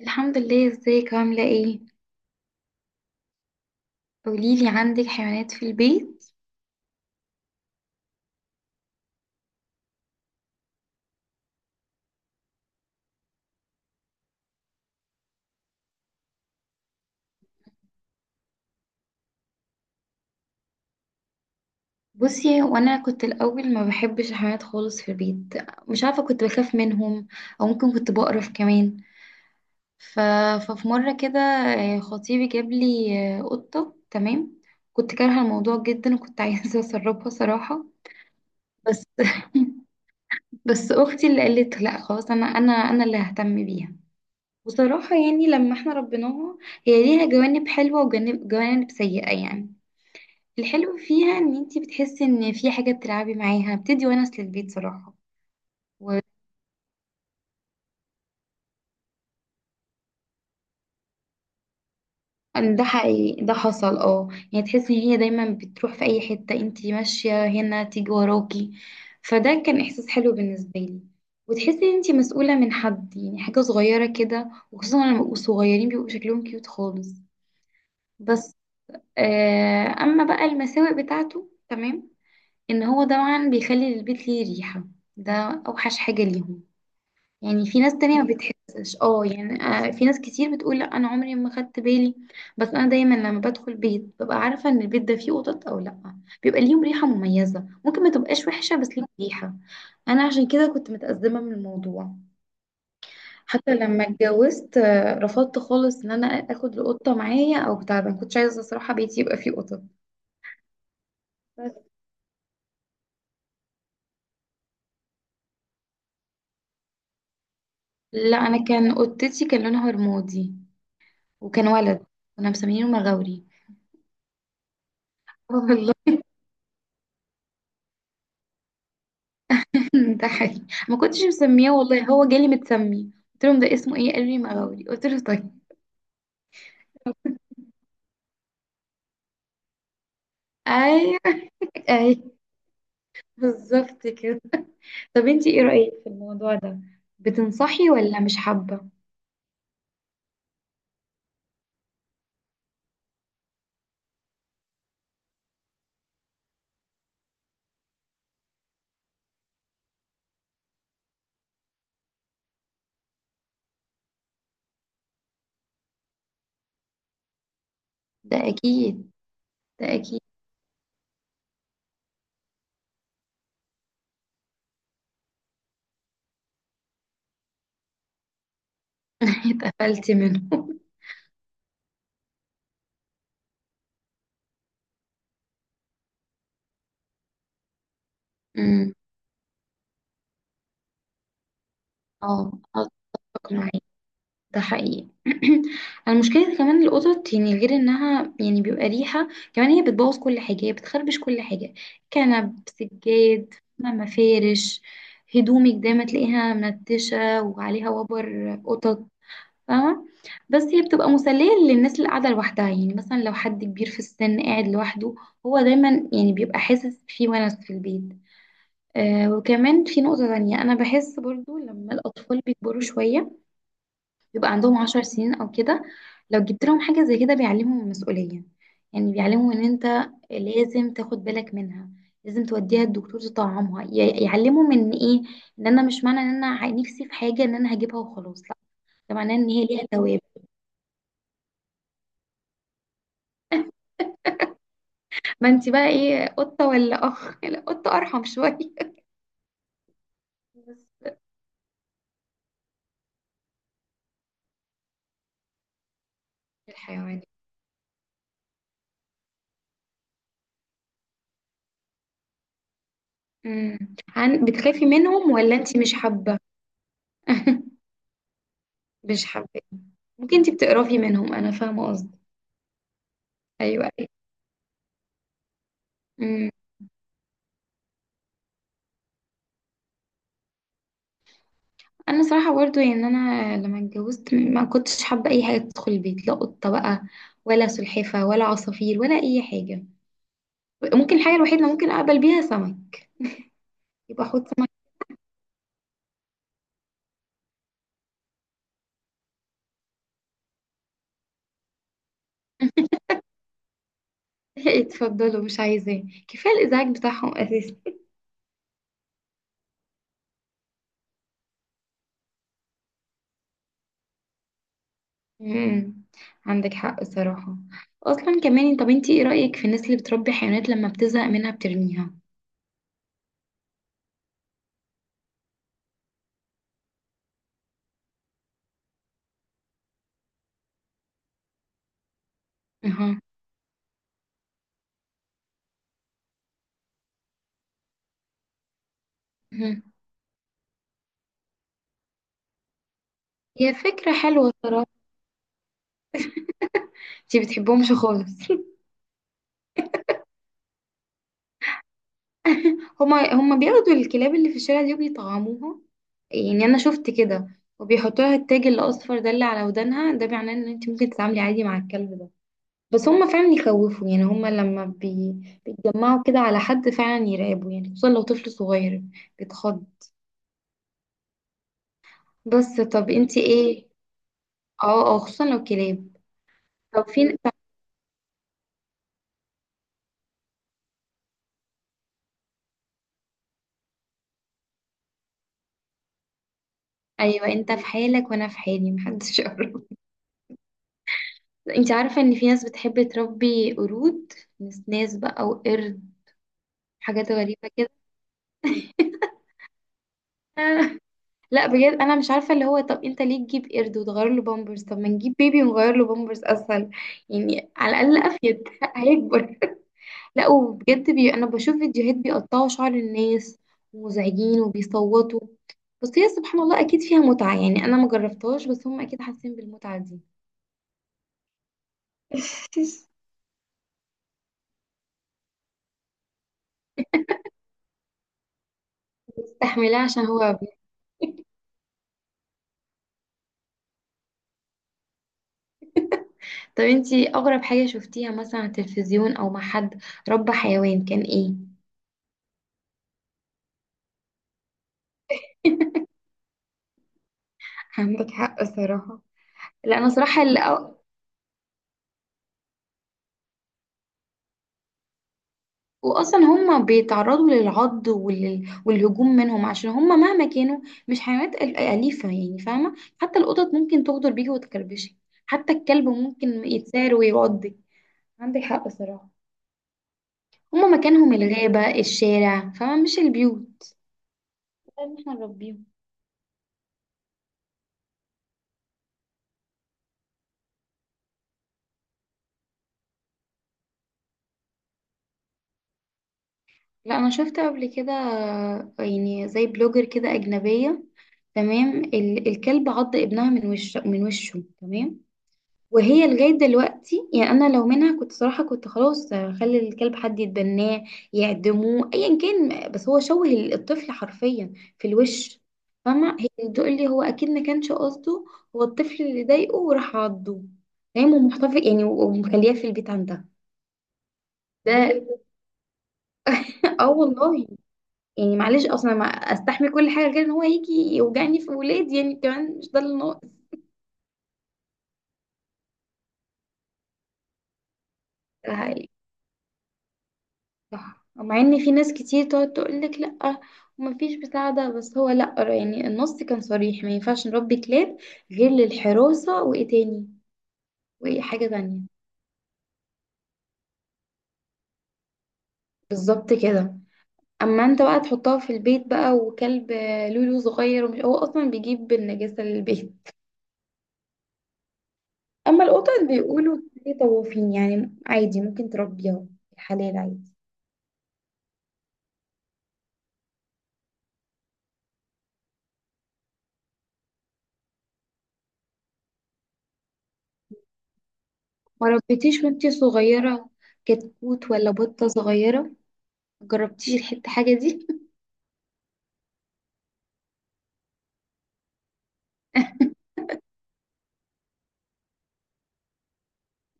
الحمد لله، ازيك عاملة ايه؟ قوليلي، عندك حيوانات في البيت؟ بصي، وانا كنت الاول ما بحبش الحيوانات خالص في البيت. مش عارفة، كنت بخاف منهم او ممكن كنت بقرف كمان. ف... ففي مرة كده خطيبي جاب لي قطة. تمام، كنت كارهة الموضوع جدا وكنت عايزة اسربها صراحة. بس بس اختي اللي قالت لا خلاص، انا اللي ههتم بيها. وصراحة يعني لما احنا ربيناها، هي ليها جوانب حلوة وجوانب سيئة يعني. الحلو فيها ان انتي بتحسي ان في حاجة بتلعبي معاها، بتدي ونس للبيت صراحة، وده حقيقي، ده حصل يعني تحسي ان هي دايما بتروح في اي حتة انتي ماشية، هنا تيجي وراكي. فده كان احساس حلو بالنسبة لي، وتحسي ان انتي مسؤولة من حد، يعني حاجة صغيرة كده، وخصوصا لما بيبقوا صغيرين بيبقوا شكلهم كيوت خالص. بس اما بقى المساوئ بتاعته، تمام، ان هو طبعا بيخلي البيت ليه ريحة. ده اوحش حاجة ليهم. يعني في ناس تانية ما بتحسش، يعني في ناس كتير بتقول لا انا عمري ما خدت بالي. بس انا دايما لما بدخل بيت ببقى عارفة ان البيت ده فيه قطط او لا. بيبقى ليهم ريحة مميزة، ممكن ما تبقاش وحشة بس ليهم ريحة. انا عشان كده كنت متأزمة من الموضوع. حتى لما اتجوزت رفضت خالص ان انا اخد القطة معايا او بتاع، ما كنتش عايزة الصراحة بيتي يبقى فيه قطط. بس لا، انا كان قطتي كان لونها رمادي وكان ولد، كنا مسمينه مغاوري. والله ده حقيقي، ما كنتش مسمياه والله، هو جالي متسمي، قلت لهم ده اسمه ايه، قالوا لي مغاوري، قلت له طيب. ايوه، ايوه، بالظبط كده. طب انتي ايه رأيك في الموضوع ده؟ بتنصحي ولا مش حابة؟ ده اكيد. ده اكيد. اتقفلتي منه. امم. اه اتفق معاكي. ده حقيقي. المشكلة كمان، القطط يعني غير انها يعني بيبقى ريحة، كمان هي بتبوظ كل حاجة، هي بتخربش كل حاجة، كنب، سجاد، ما مفارش، هدومك دايما تلاقيها منتشة وعليها وبر قطط، فاهمة. بس هي بتبقى مسلية للناس اللي قاعدة لوحدها، يعني مثلا لو حد كبير في السن قاعد لوحده، هو دايما يعني بيبقى حاسس في ونس في البيت. وكمان في نقطة تانية، أنا بحس برضو لما الأطفال بيكبروا شوية، بيبقى عندهم 10 سنين او كده، لو جبت لهم حاجة زي كده بيعلمهم المسؤولية. يعني بيعلمهم ان انت لازم تاخد بالك منها، لازم توديها الدكتور تطعمها، يعلمهم ان ايه، ان انا مش معنى ان انا نفسي في حاجة ان انا هجيبها وخلاص لا، ده معناه ان هي ليها توابع. ما انت بقى ايه قطة ولا اخ لا قطة ارحم شوية. بس الحيوانات. امم. بتخافي منهم ولا انت مش حابة؟ مش حابة. ممكن انت بتقرفي منهم، انا فاهمة قصدي. ايوه، ايوه. انا صراحه برضو يعني، انا لما اتجوزت ما كنتش حابه اي حاجه تدخل البيت، لا قطه بقى ولا سلحفه ولا عصافير ولا اي حاجه. ممكن الحاجه الوحيده اللي ممكن اقبل بيها سمك. يبقى حوض سمك. اتفضلوا مش عايزاه، كفايه الازعاج بتاعهم اساسا. امم، عندك حق صراحه. اصلا كمان، طب انتي ايه رايك في الناس اللي بتربي حيوانات لما بتزهق منها بترميها؟ اها. أها. هي فكره حلوه صراحه. انتي بتحبهمش خالص؟ هما بياخدوا الكلاب اللي في الشارع دي وبيطعموها، يعني انا شفت كده، وبيحطوا لها التاج الاصفر ده اللي على ودانها، ده معناه ان انت ممكن تتعاملي عادي مع الكلب ده. بس هما فعلا يخوفوا، يعني هما لما بيتجمعوا كده على حد فعلا يرعبوا، يعني خصوصا لو طفل صغير بيتخض. بس طب انت ايه؟ اه، اه، خصوصا لو كلاب. طب فين؟ ايوه، انت في حالك وانا في حالي، محدش يعرف. انت عارفه ان في ناس بتحب تربي قرود؟ نسناس بقى وقرد، حاجات غريبه كده. لا بجد انا مش عارفه، اللي هو طب انت ليه تجيب قرد وتغير له بامبرز؟ طب ما نجيب بيبي ونغير له بامبرز اسهل، يعني على الاقل افيد هيكبر. لا وبجد، انا بشوف فيديوهات بيقطعوا شعر الناس، ومزعجين وبيصوتوا، بس هي سبحان الله اكيد فيها متعه يعني، انا ما جربتهاش بس هم اكيد حاسين بالمتعه دي. استحملها عشان هو ابني. طب انتي اغرب حاجه شفتيها مثلا على التلفزيون او مع حد ربى حيوان كان ايه؟ عندك حق صراحه. لا انا صراحه، واصلا هم بيتعرضوا للعض والهجوم منهم، عشان هم مهما كانوا مش حيوانات اليفه يعني، فاهمه، حتى القطط ممكن تغدر بيكي وتكربشي، حتى الكلب ممكن يتسار ويعضك. عندك حق صراحه. هم مكانهم الغابه، الشارع، فاهمه، مش البيوت. طيب احنا نربيهم؟ لا، انا شفت قبل كده يعني زي بلوجر كده اجنبيه، تمام، الكلب عض ابنها من وشه، من وشه، تمام، وهي لغاية دلوقتي، يعني أنا لو منها كنت صراحة كنت خلاص خلي الكلب حد يتبناه، يعدموه، أيا كان، بس هو شوه الطفل حرفيا في الوش، فاهمة. هي بتقول لي هو أكيد ما كانش قصده، هو الطفل اللي ضايقه وراح عضه، فاهم، ومحتفظ يعني ومخلياه في البيت عندها. ده اه والله. يعني معلش، اصلا ما استحمل كل حاجه غير ان هو يجي يوجعني في ولادي، يعني كمان مش ده اللي ناقص. صح، مع ان في ناس كتير تقعد تقولك لا ومفيش مساعدة، بس هو لا، يعني النص كان صريح ما ينفعش نربي كلاب غير للحراسة، وايه تاني؟ وايه حاجة تانية؟ بالظبط كده. اما انت بقى تحطها في البيت بقى وكلب لولو صغير، ومش هو اصلا بيجيب النجاسة للبيت؟ اما القطط، بيقولوا ليه طوافين، يعني عادي ممكن تربيها، الحلال عادي. ما ربيتيش وانتي صغيرة كتكوت ولا بطة صغيرة؟ جربتيش الحتة حاجة دي؟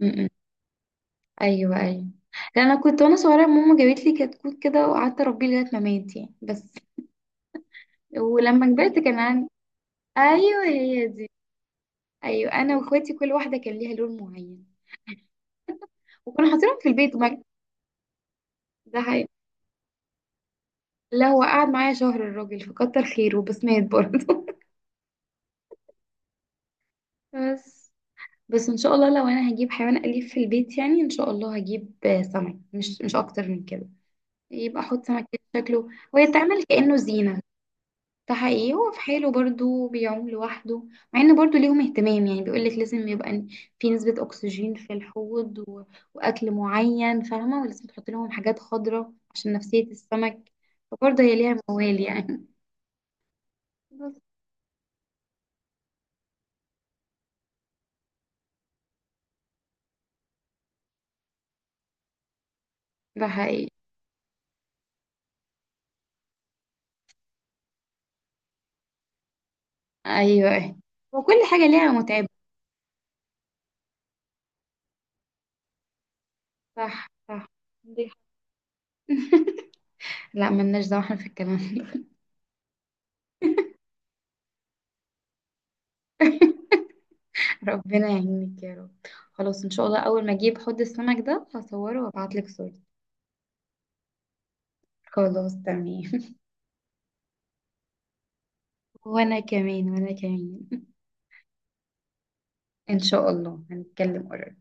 ايوه، ايوه، لأن انا كنت وانا صغيره ماما جابت لي كتكوت كده، وقعدت اربيه لغايه ما مات يعني. بس ولما كبرت كان عندي. ايوه هي دي. ايوه، انا واخواتي كل واحده كان ليها لون معين، وكنا حاطينهم في البيت بقى. ده حقيقي. لا، هو قعد معايا شهر الراجل، فكتر خيره، بس مات برضه. بس، بس ان شاء الله لو انا هجيب حيوان اليف في البيت يعني، ان شاء الله هجيب سمك، مش اكتر من كده. يبقى احط سمك كده شكله ويتعمل كانه زينه. ده حقيقي، هو في حاله برضو بيعوم لوحده، مع ان برضو ليهم اهتمام يعني، بيقولك لازم يبقى في نسبة اكسجين في الحوض واكل معين، فاهمة، ولازم تحط لهم حاجات خضراء عشان نفسية السمك، فبرضه هي ليها موال يعني. بس ده حقيقي، ايوه، وكل حاجة ليها متعبة. صح، صح، دي حاجة. لا ملناش دعوة احنا في الكلام ده. ربنا يعينك يا رب. خلاص، ان شاء الله اول ما اجيب حوض السمك ده هصوره وابعتلك صورة. خلاص تمام. وانا كمان، وانا كمان. ان شاء الله هنتكلم قريب.